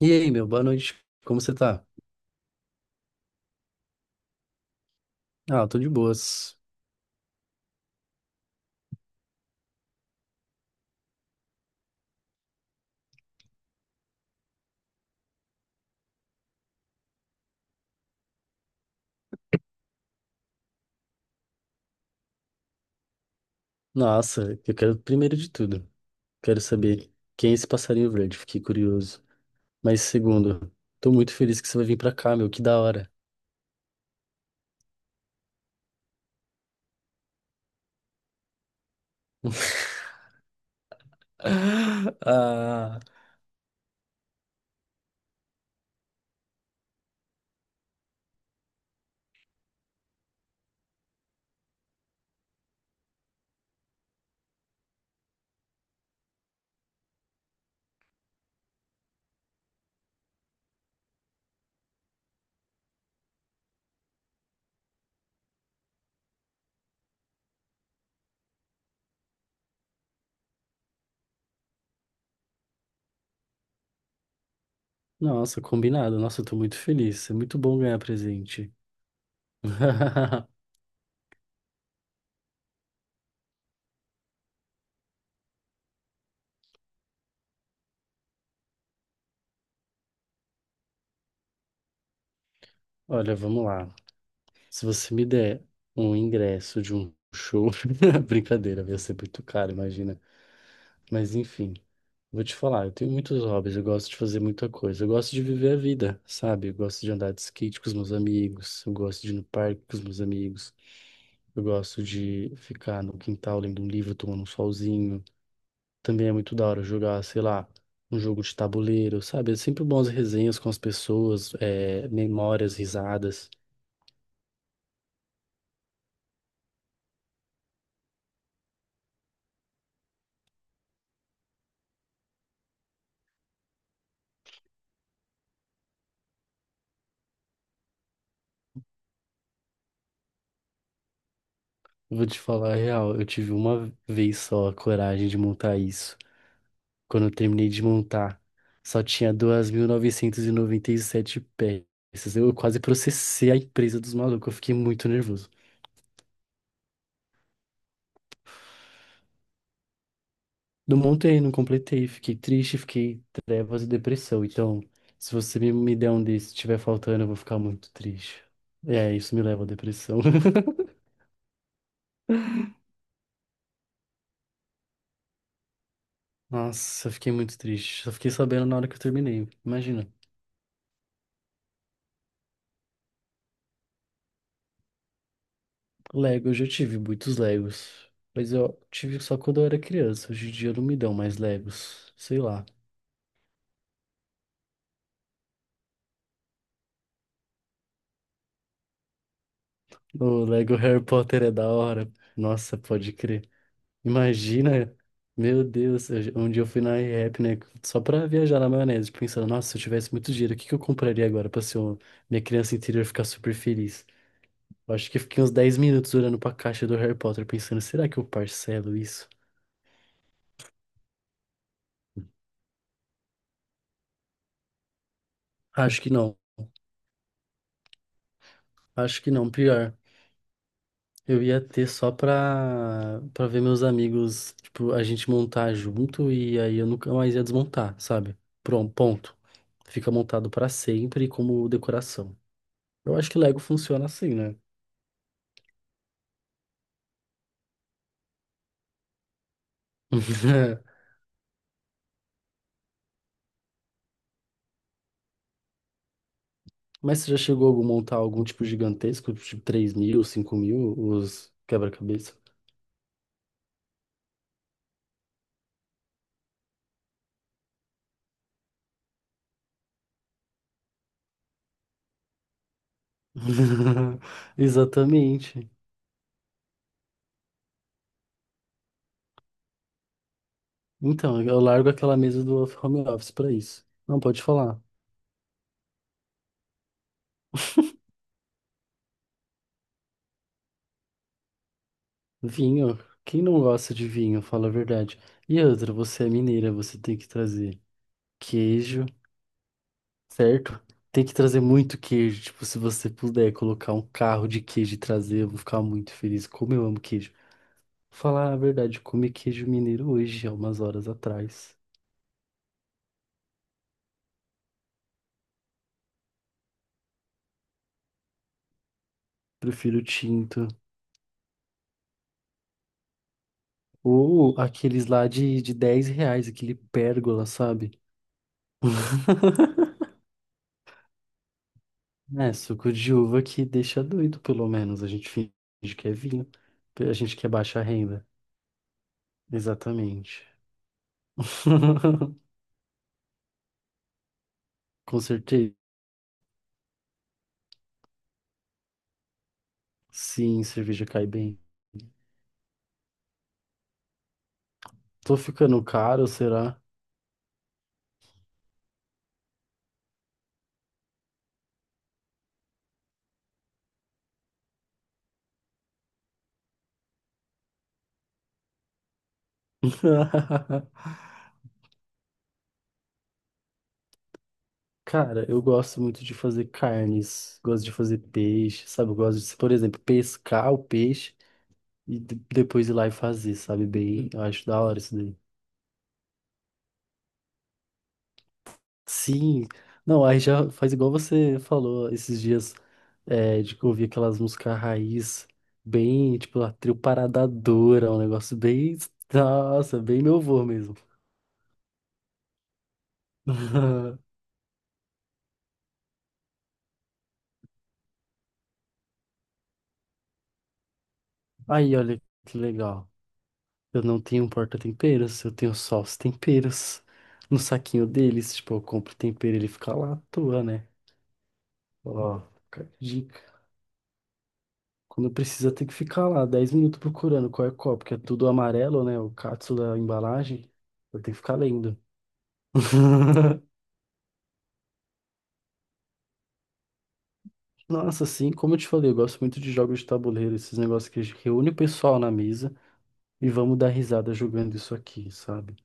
E aí, meu, boa noite. Como você tá? Ah, tô de boas. Nossa, eu quero, primeiro de tudo, quero saber quem é esse passarinho verde, fiquei curioso. Mas segundo, tô muito feliz que você vai vir pra cá, meu, que da hora. Ah, nossa, combinado. Nossa, eu tô muito feliz. É muito bom ganhar presente. Olha, vamos lá. Se você me der um ingresso de um show, brincadeira, vai ser muito caro, imagina. Mas enfim, vou te falar, eu tenho muitos hobbies, eu gosto de fazer muita coisa. Eu gosto de viver a vida, sabe? Eu gosto de andar de skate com os meus amigos, eu gosto de ir no parque com os meus amigos, eu gosto de ficar no quintal lendo um livro, tomando um solzinho. Também é muito da hora jogar, sei lá, um jogo de tabuleiro, sabe? É sempre bons as resenhas com as pessoas, memórias, risadas. Eu vou te falar a real, eu tive uma vez só a coragem de montar isso. Quando eu terminei de montar, só tinha duas mil e noventa e sete peças. Eu quase processei a empresa dos malucos, eu fiquei muito nervoso. Não montei, não completei, fiquei triste, fiquei trevas e depressão. Então, se você me der um desses, se tiver faltando, eu vou ficar muito triste. É, isso me leva à depressão. Nossa, eu fiquei muito triste. Só fiquei sabendo na hora que eu terminei. Imagina. Lego, eu já tive muitos Legos. Mas eu tive só quando eu era criança. Hoje em dia não me dão mais Legos. Sei lá. O Lego Harry Potter é da hora. Nossa, pode crer. Imagina, meu Deus, eu um dia eu fui na IRAP, né, só pra viajar na maionese, pensando, nossa, se eu tivesse muito dinheiro, o que que eu compraria agora pra ser minha criança interior ficar super feliz? Eu acho que eu fiquei uns 10 minutos olhando pra caixa do Harry Potter, pensando, será que eu parcelo isso? Acho que não, acho que não, pior. Eu ia ter só pra, pra ver meus amigos, tipo, a gente montar junto e aí eu nunca mais ia desmontar, sabe? Pronto, ponto. Fica montado pra sempre como decoração. Eu acho que Lego funciona assim, né? Mas você já chegou a montar algum tipo gigantesco, tipo 3.000, 5.000, os quebra-cabeça? Exatamente. Então, eu largo aquela mesa do home office pra isso. Não, pode falar. Vinho. Quem não gosta de vinho, fala a verdade. E outra, você é mineira, você tem que trazer queijo, certo? Tem que trazer muito queijo. Tipo, se você puder colocar um carro de queijo e trazer, eu vou ficar muito feliz. Como eu amo queijo. Falar a verdade, eu comi queijo mineiro hoje, há umas horas atrás. Prefiro tinto. Ou aqueles lá de 10 reais, aquele pérgola, sabe? É, suco de uva que deixa doido, pelo menos. A gente finge que é vinho. A gente que é baixa renda. Exatamente. Com certeza. Sim, cerveja cai bem. Tô ficando caro, será? Cara, eu gosto muito de fazer carnes, gosto de fazer peixe, sabe? Eu gosto de, por exemplo, pescar o peixe e depois ir lá e fazer, sabe? Bem, eu acho da hora isso. Sim, não, aí já faz igual você falou esses dias, de que eu ouvi aquelas músicas raiz, bem, tipo, a trio Paradadora, um negócio bem, nossa, bem meu vô mesmo. Aí, olha que legal, eu não tenho porta-temperos, eu tenho só os temperos. No saquinho deles, tipo, eu compro tempero, ele fica lá à toa, né? Ó, fica a dica. Quando precisa, tem que ficar lá 10 minutos procurando qual é qual, porque é tudo amarelo, né? O catsu da embalagem. Eu tenho que ficar lendo. Nossa, assim, como eu te falei, eu gosto muito de jogos de tabuleiro, esses negócios que reúne o pessoal na mesa e vamos dar risada jogando isso aqui, sabe?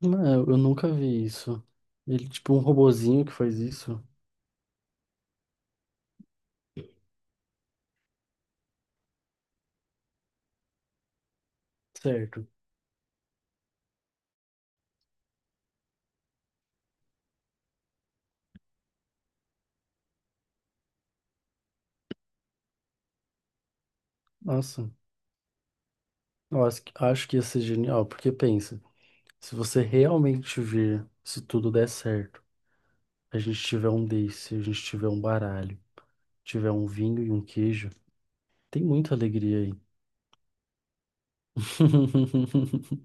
Não, eu nunca vi isso. Ele, tipo, um robozinho que faz isso. Certo. Nossa, eu acho que ia ser genial, porque pensa, se você realmente vir, se tudo der certo, a gente tiver um desse, a gente tiver um baralho, tiver um vinho e um queijo, tem muita alegria aí.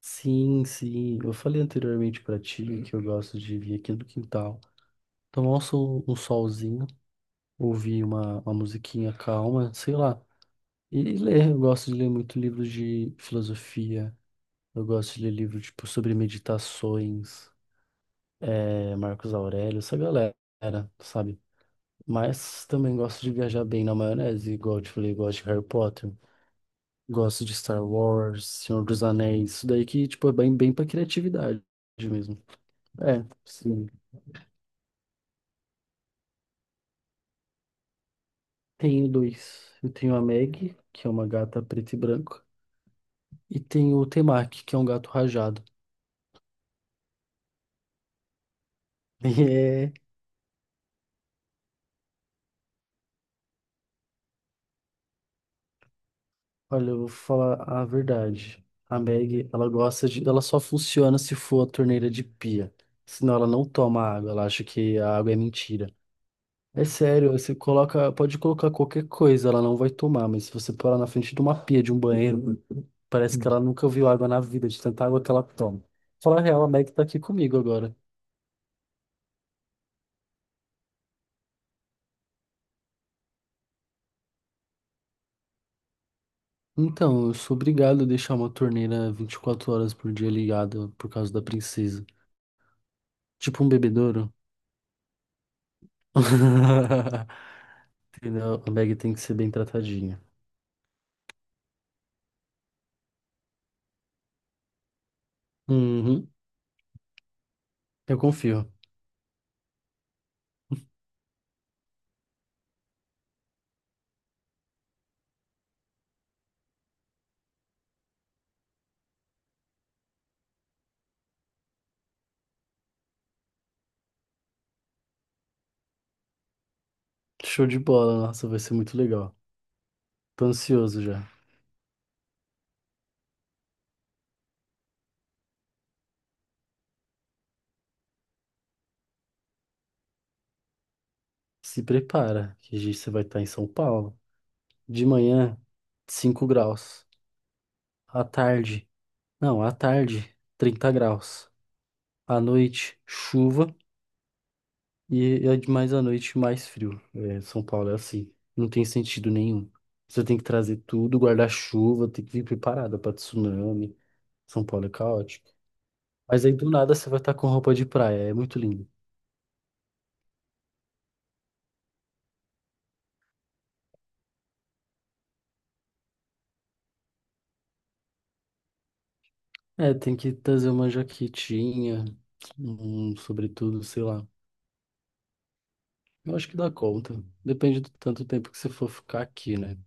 Sim, sim. Eu falei anteriormente pra ti que eu gosto de vir aqui no quintal, tomar um solzinho, ouvir uma musiquinha calma, sei lá. E ler. Eu gosto de ler muito livro de filosofia. Eu gosto de ler livro tipo sobre meditações, Marcos Aurélio, essa galera, sabe? Mas também gosto de viajar bem na maionese, igual eu te falei, gosto de Harry Potter, gosto de Star Wars, Senhor dos Anéis, isso daí que, tipo, é bem, bem pra criatividade mesmo. É, sim. Tenho dois. Eu tenho a Meg, que é uma gata preta e branca, e tenho o Temaki, que é um gato rajado. E é, olha, eu vou falar a verdade. A Meg, ela gosta de, ela só funciona se for a torneira de pia. Senão ela não toma água, ela acha que a água é mentira. É sério, você coloca, pode colocar qualquer coisa, ela não vai tomar, mas se você pôr ela na frente de uma pia, de um banheiro, parece que ela nunca viu água na vida, de tanta água que ela toma. Fala a real, a Meg tá aqui comigo agora. Então, eu sou obrigado a deixar uma torneira 24 horas por dia ligada por causa da princesa. Tipo um bebedouro. Entendeu? A Meg tem que ser bem tratadinha. Uhum, eu confio. Show de bola, nossa, vai ser muito legal. Tô ansioso já. Se prepara, que você vai estar em São Paulo. De manhã, 5 graus. À tarde, não, à tarde, 30 graus. À noite, chuva. E é de mais à noite, mais frio. É, São Paulo é assim. Não tem sentido nenhum. Você tem que trazer tudo, guarda-chuva, tem que vir preparada para tsunami. São Paulo é caótico. Mas aí do nada você vai estar com roupa de praia. É muito lindo. É, tem que trazer uma jaquetinha, um sobretudo, sei lá. Eu acho que dá conta. Depende do tanto tempo que você for ficar aqui, né?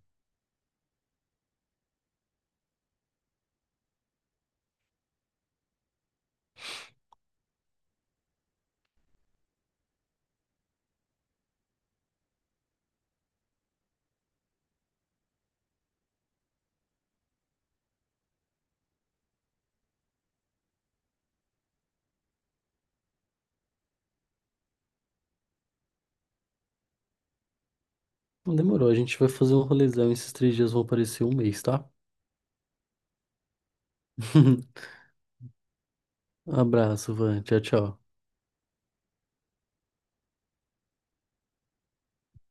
Não demorou, a gente vai fazer um rolezão. Esses 3 dias vão parecer um mês, tá? Abraço, Van. Tchau, tchau.